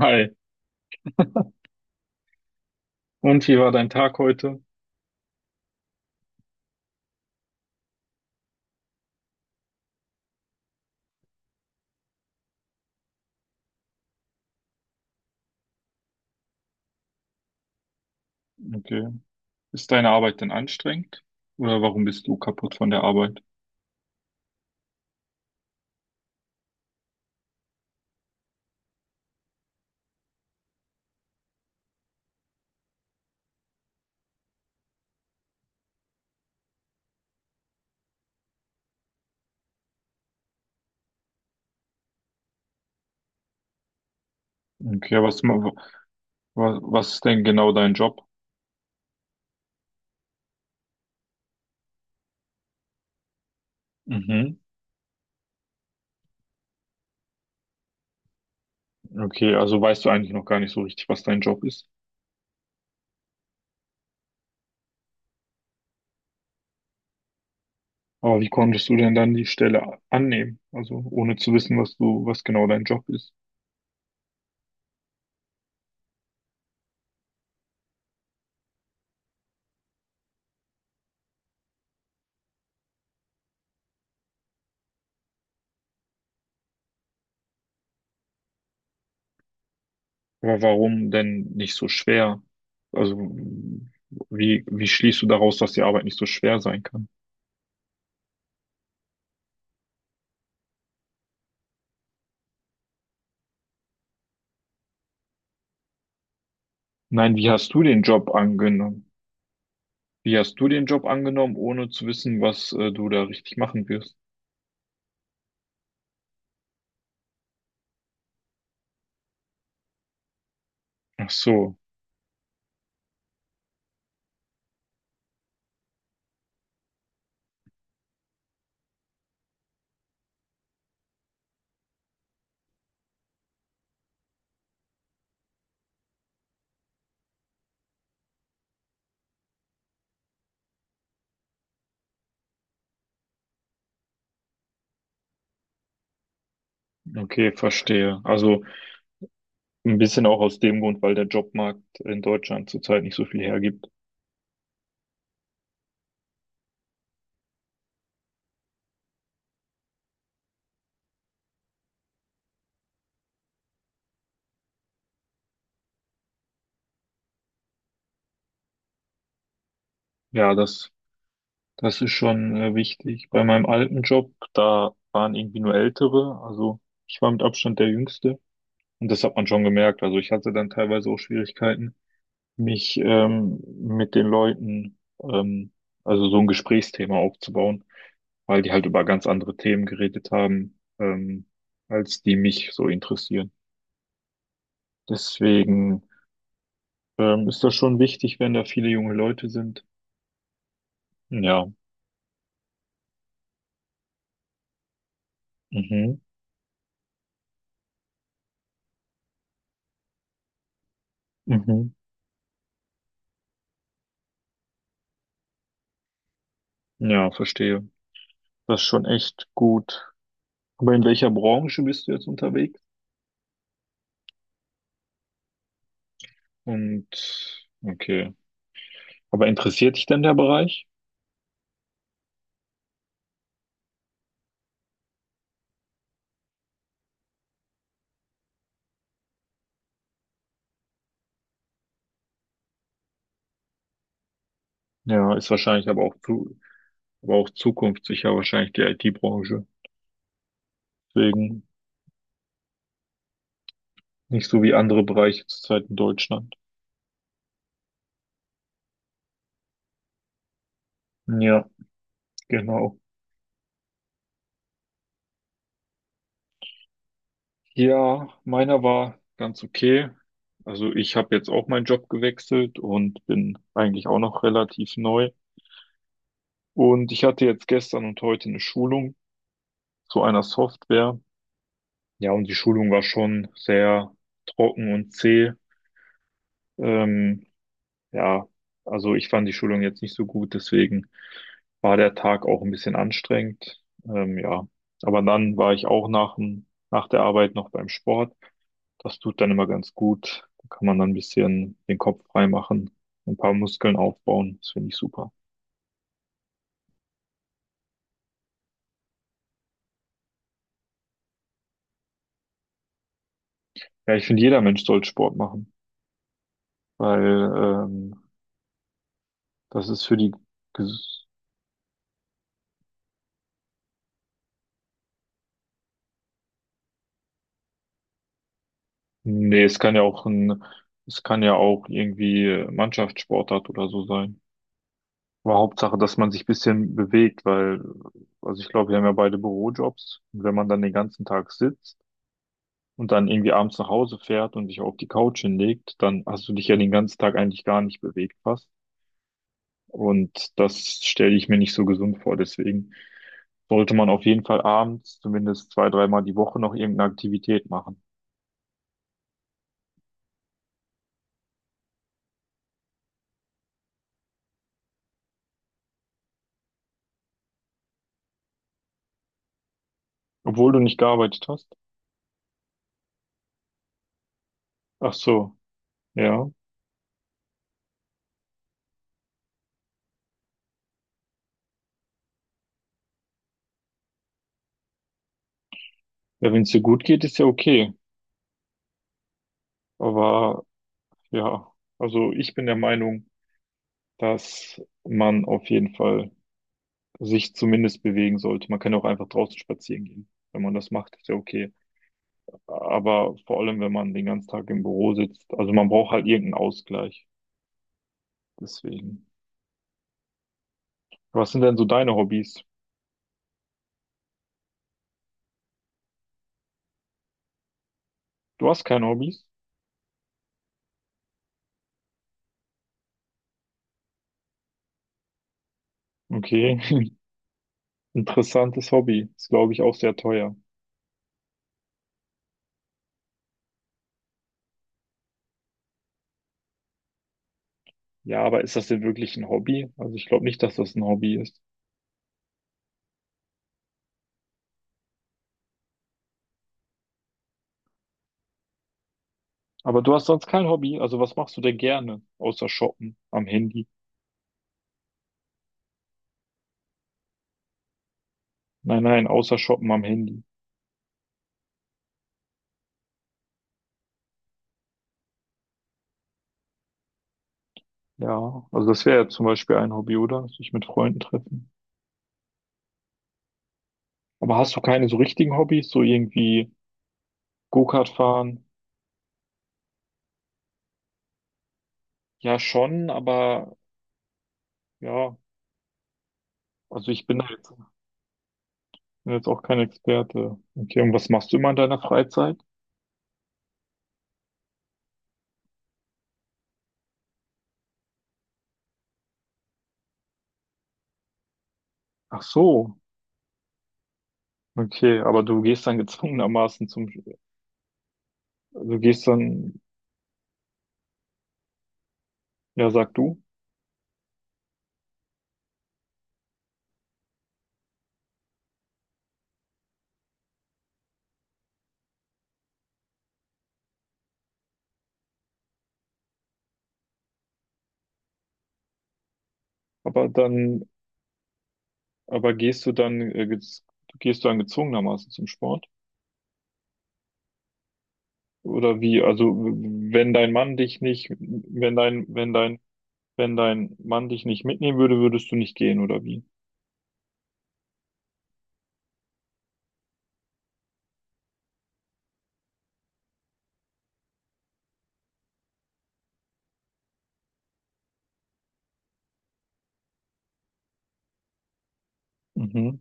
Hi, und wie war dein Tag heute? Okay. Ist deine Arbeit denn anstrengend? Oder warum bist du kaputt von der Arbeit? Okay, was, was ist denn genau dein Job? Mhm. Okay, also weißt du eigentlich noch gar nicht so richtig, was dein Job ist. Aber wie konntest du denn dann die Stelle annehmen? Also ohne zu wissen, was du, was genau dein Job ist. Aber warum denn nicht so schwer? Also wie schließt du daraus, dass die Arbeit nicht so schwer sein kann? Nein, wie hast du den Job angenommen? Wie hast du den Job angenommen, ohne zu wissen, was du da richtig machen wirst? Ach so, okay, verstehe. Also ein bisschen auch aus dem Grund, weil der Jobmarkt in Deutschland zurzeit nicht so viel hergibt. Ja, das ist schon wichtig. Bei meinem alten Job, da waren irgendwie nur Ältere. Also ich war mit Abstand der Jüngste. Und das hat man schon gemerkt. Also ich hatte dann teilweise auch Schwierigkeiten, mich mit den Leuten also so ein Gesprächsthema aufzubauen, weil die halt über ganz andere Themen geredet haben, als die mich so interessieren. Deswegen ist das schon wichtig, wenn da viele junge Leute sind. Ja, mhm, mhm, ja, verstehe. Das ist schon echt gut. Aber in welcher Branche bist du jetzt unterwegs? Und okay, aber interessiert dich denn der Bereich? Ja, ist wahrscheinlich aber auch aber auch zukunftssicher wahrscheinlich die IT-Branche. Deswegen nicht so wie andere Bereiche zurzeit in Deutschland. Ja, genau. Ja, meiner war ganz okay. Also ich habe jetzt auch meinen Job gewechselt und bin eigentlich auch noch relativ neu. Und ich hatte jetzt gestern und heute eine Schulung zu einer Software. Ja, und die Schulung war schon sehr trocken und zäh. Ähm, ja, also ich fand die Schulung jetzt nicht so gut, deswegen war der Tag auch ein bisschen anstrengend. Ja, aber dann war ich auch nach der Arbeit noch beim Sport. Das tut dann immer ganz gut. Da kann man dann ein bisschen den Kopf frei machen, ein paar Muskeln aufbauen. Das finde ich super. Ja, ich finde, jeder Mensch sollte Sport machen, weil ähm, das ist für die. Ges Nee, es kann ja auch es kann ja auch irgendwie Mannschaftssportart oder so sein. Aber Hauptsache, dass man sich ein bisschen bewegt, weil, also ich glaube, wir haben ja beide Bürojobs. Und wenn man dann den ganzen Tag sitzt und dann irgendwie abends nach Hause fährt und sich auf die Couch hinlegt, dann hast du dich ja den ganzen Tag eigentlich gar nicht bewegt, fast. Und das stelle ich mir nicht so gesund vor. Deswegen sollte man auf jeden Fall abends zumindest 2, 3 Mal die Woche noch irgendeine Aktivität machen. Obwohl du nicht gearbeitet hast. Ach so, ja. Ja, wenn es dir gut geht, ist ja okay. Aber ja, also ich bin der Meinung, dass man auf jeden Fall sich zumindest bewegen sollte. Man kann auch einfach draußen spazieren gehen. Wenn man das macht, ist ja okay. Aber vor allem, wenn man den ganzen Tag im Büro sitzt. Also man braucht halt irgendeinen Ausgleich. Deswegen. Was sind denn so deine Hobbys? Du hast keine Hobbys? Okay, interessantes Hobby. Ist, glaube ich, auch sehr teuer. Ja, aber ist das denn wirklich ein Hobby? Also ich glaube nicht, dass das ein Hobby ist. Aber du hast sonst kein Hobby. Also was machst du denn gerne? Außer shoppen am Handy. Nein, nein, außer shoppen am Handy. Ja, also das wäre ja zum Beispiel ein Hobby, oder? Sich mit Freunden treffen. Aber hast du keine so richtigen Hobbys? So irgendwie Go-Kart fahren? Ja, schon, aber ja, also ich bin da jetzt. Bin jetzt auch kein Experte. Okay, und was machst du immer in deiner Freizeit? Ach so, okay, aber du gehst dann gezwungenermaßen zum, du gehst dann, ja, sag du, aber dann, aber gehst du gehst du dann gezwungenermaßen zum Sport? Oder wie, also, wenn dein Mann dich nicht, wenn dein Mann dich nicht mitnehmen würde, würdest du nicht gehen, oder wie? Mhm.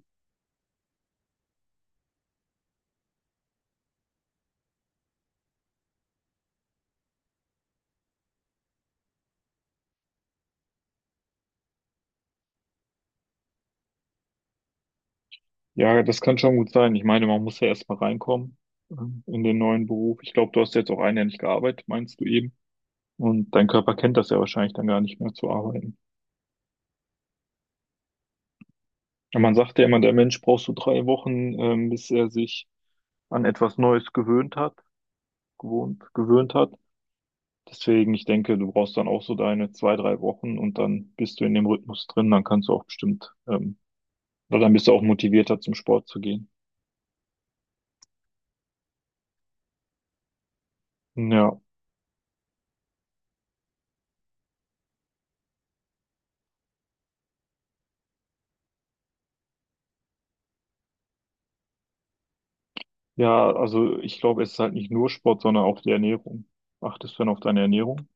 Ja, das kann schon gut sein. Ich meine, man muss ja erstmal reinkommen in den neuen Beruf. Ich glaube, du hast jetzt auch 1 Jahr nicht gearbeitet, meinst du eben? Und dein Körper kennt das ja wahrscheinlich dann gar nicht mehr zu arbeiten. Ja, man sagt ja immer, der Mensch braucht so 3 Wochen, bis er sich an etwas Neues gewöhnt hat. Deswegen, ich denke, du brauchst dann auch so deine 2, 3 Wochen und dann bist du in dem Rhythmus drin, dann kannst du auch bestimmt, oder dann bist du auch motivierter zum Sport zu gehen. Ja, ja, also ich glaube, es ist halt nicht nur Sport, sondern auch die Ernährung. Achtest du dann auf deine Ernährung?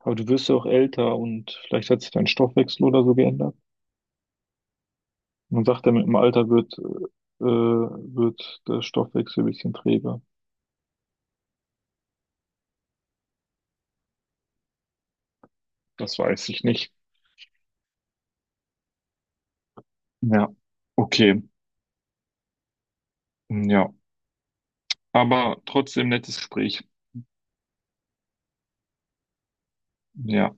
Aber du wirst ja auch älter und vielleicht hat sich dein Stoffwechsel oder so geändert. Man sagt ja, mit dem Alter wird der Stoffwechsel ein bisschen träge. Das weiß ich nicht. Ja, okay. Ja, aber trotzdem nettes Gespräch. Ja.